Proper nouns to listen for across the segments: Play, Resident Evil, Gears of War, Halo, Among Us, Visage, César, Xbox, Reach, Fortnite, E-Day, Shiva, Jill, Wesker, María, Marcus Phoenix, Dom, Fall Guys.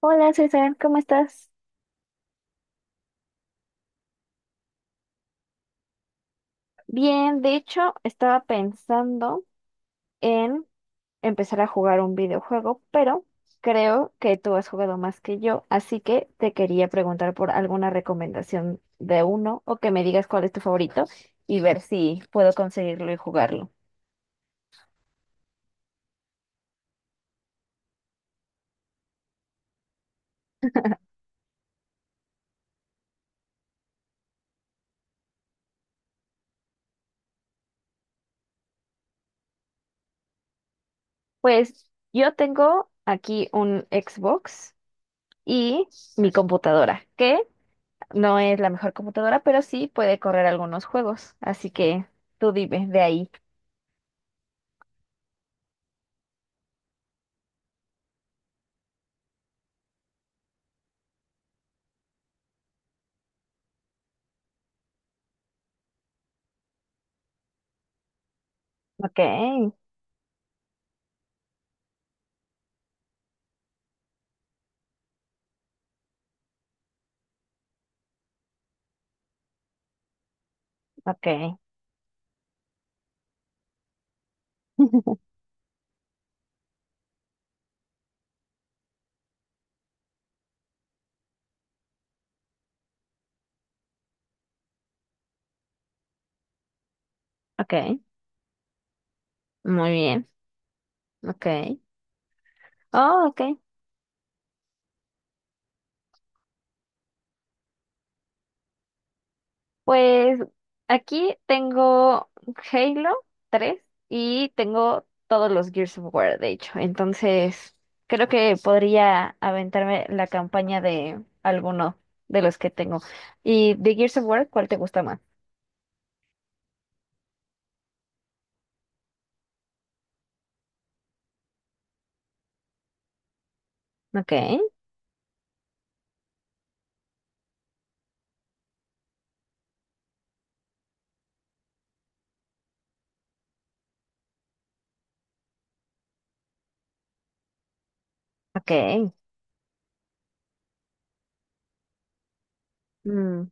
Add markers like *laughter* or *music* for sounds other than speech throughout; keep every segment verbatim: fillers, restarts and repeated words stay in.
Hola César, ¿cómo estás? Bien, de hecho, estaba pensando en empezar a jugar un videojuego, pero creo que tú has jugado más que yo, así que te quería preguntar por alguna recomendación de uno o que me digas cuál es tu favorito y ver si puedo conseguirlo y jugarlo. Pues yo tengo aquí un Xbox y mi computadora, que no es la mejor computadora, pero sí puede correr algunos juegos, así que tú dime de ahí. Ok, ok, *laughs* ok, muy bien, ok. Oh, ok. Pues aquí tengo Halo tres y tengo todos los Gears of War, de hecho. Entonces, creo que podría aventarme la campaña de alguno de los que tengo. Y de Gears of War, ¿cuál te gusta más? Ok, ok. Mm.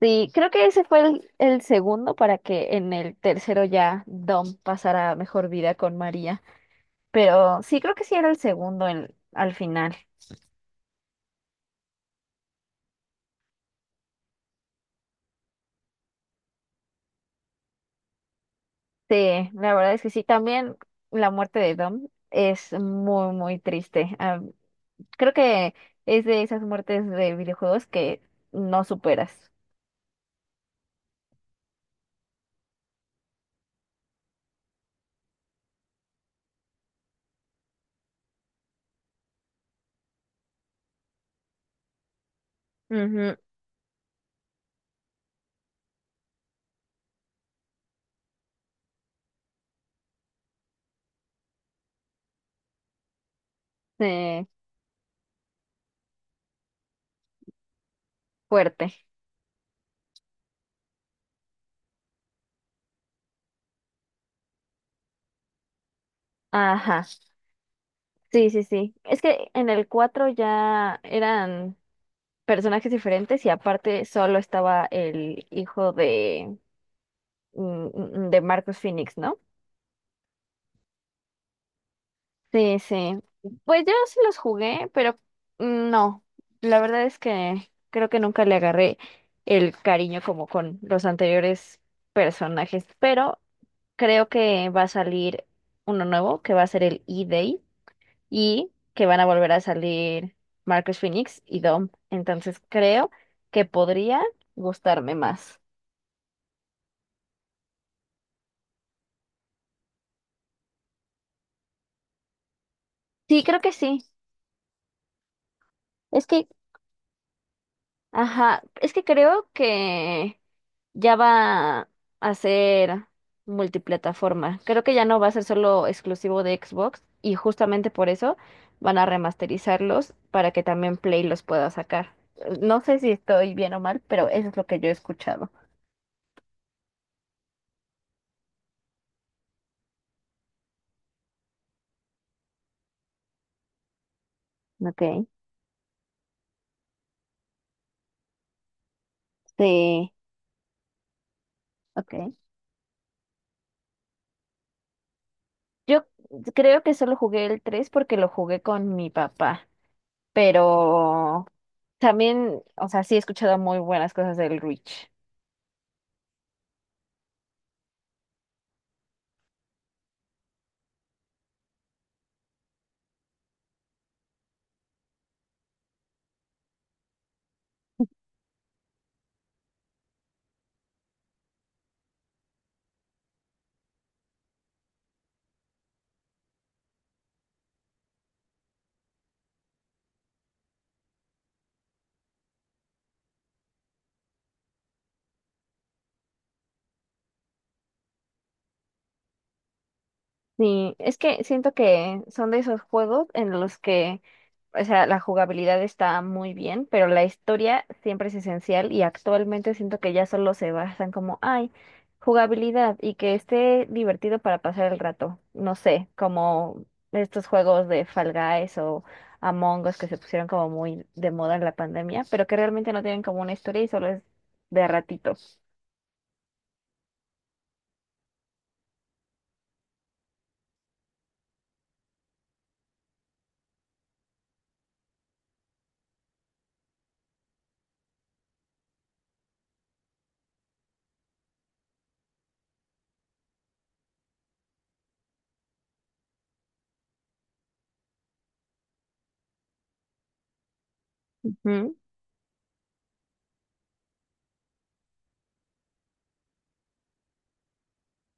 Sí, creo que ese fue el, el segundo para que en el tercero ya Dom pasara mejor vida con María. Pero sí, creo que sí era el segundo en- al final. Sí, la verdad es que sí. También la muerte de Dom es muy, muy triste. Ah, creo que es de esas muertes de videojuegos que no superas. Ujú, sí, fuerte. Ajá. Sí, sí, sí. Es que en el cuatro ya eran personajes diferentes y aparte solo estaba el hijo de, mm, mm, de Marcus Phoenix, ¿no? Sí, sí. Pues yo sí los jugué, pero mm, no. La verdad es que creo que nunca le agarré el cariño como con los anteriores personajes. Pero creo que va a salir uno nuevo, que va a ser el E-Day, y que van a volver a salir Marcus Phoenix y Dom. Entonces creo que podría gustarme más. Sí, creo que sí. Es que, ajá, es que creo que ya va a ser multiplataforma. Creo que ya no va a ser solo exclusivo de Xbox y justamente por eso van a remasterizarlos para que también Play los pueda sacar. No sé si estoy bien o mal, pero eso es lo que yo he escuchado. Okay, sí, okay. Yo creo que solo jugué el tres porque lo jugué con mi papá, pero también, o sea, sí he escuchado muy buenas cosas del Reach. Sí, es que siento que son de esos juegos en los que o sea, la jugabilidad está muy bien, pero la historia siempre es esencial y actualmente siento que ya solo se basan como, ay, jugabilidad y que esté divertido para pasar el rato. No sé, como estos juegos de Fall Guys o Among Us que se pusieron como muy de moda en la pandemia, pero que realmente no tienen como una historia y solo es de ratitos.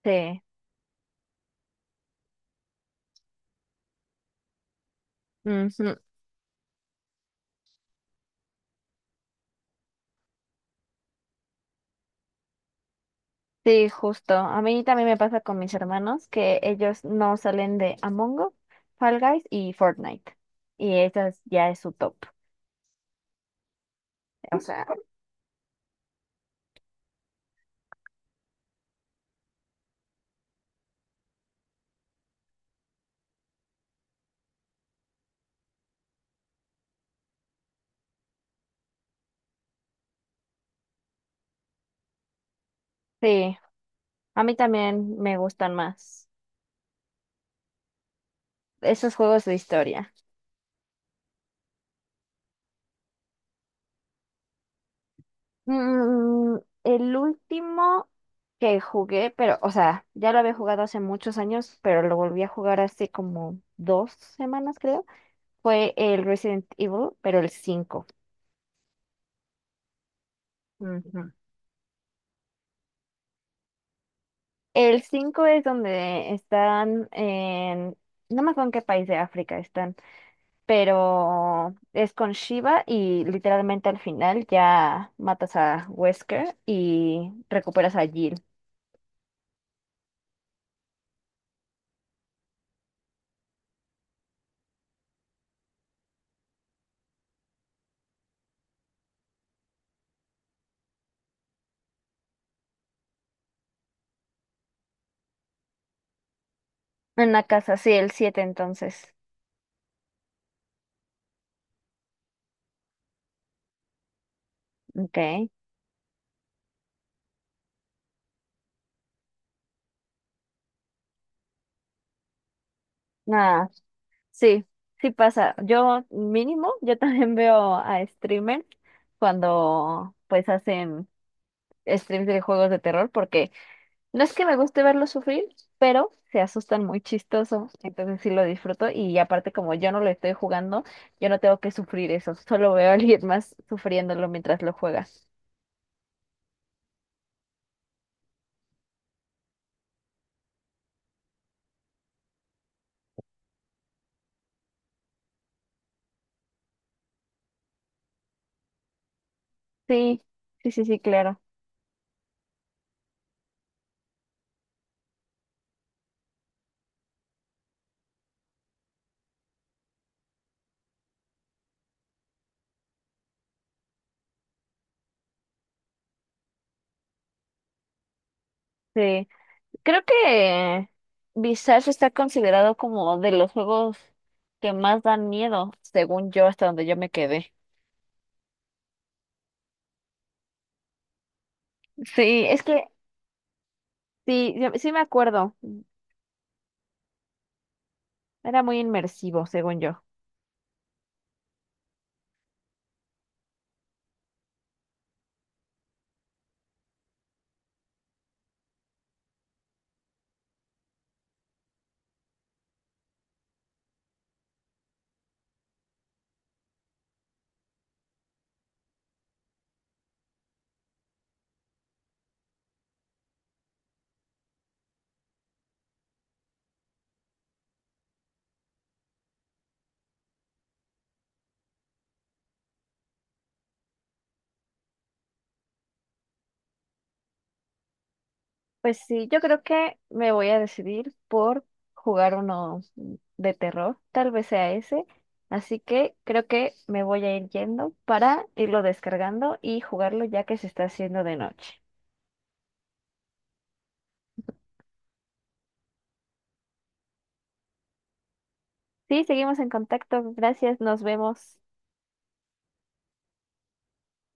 Sí. Ujú. Sí, justo. A mí también me pasa con mis hermanos que ellos no salen de Among Us, Fall Guys y Fortnite. Y esas ya es su top. O sea, sí, a mí también me gustan más esos juegos de historia. Mm, el último que jugué, pero, o sea, ya lo había jugado hace muchos años, pero lo volví a jugar hace como dos semanas, creo, fue el Resident Evil, pero el cinco. El cinco es donde están en, no me acuerdo en qué país de África están, pero es con Shiva y literalmente al final ya matas a Wesker y recuperas a Jill. En la casa, sí, el siete entonces. Ok. Nada, sí, sí pasa. Yo mínimo, yo también veo a streamers cuando pues hacen streams de juegos de terror porque no es que me guste verlos sufrir, pero se asustan muy chistoso, entonces sí lo disfruto y aparte como yo no lo estoy jugando, yo no tengo que sufrir eso, solo veo a alguien más sufriéndolo mientras lo juega. Sí, sí, sí, sí, claro. Sí. Creo que Visage está considerado como de los juegos que más dan miedo, según yo, hasta donde yo me quedé. Sí, es que sí, yo- sí me acuerdo. Era muy inmersivo, según yo. Pues sí, yo creo que me voy a decidir por jugar uno de terror, tal vez sea ese, así que creo que me voy a ir yendo para irlo descargando y jugarlo ya que se está haciendo de noche. Sí, seguimos en contacto, gracias, nos vemos.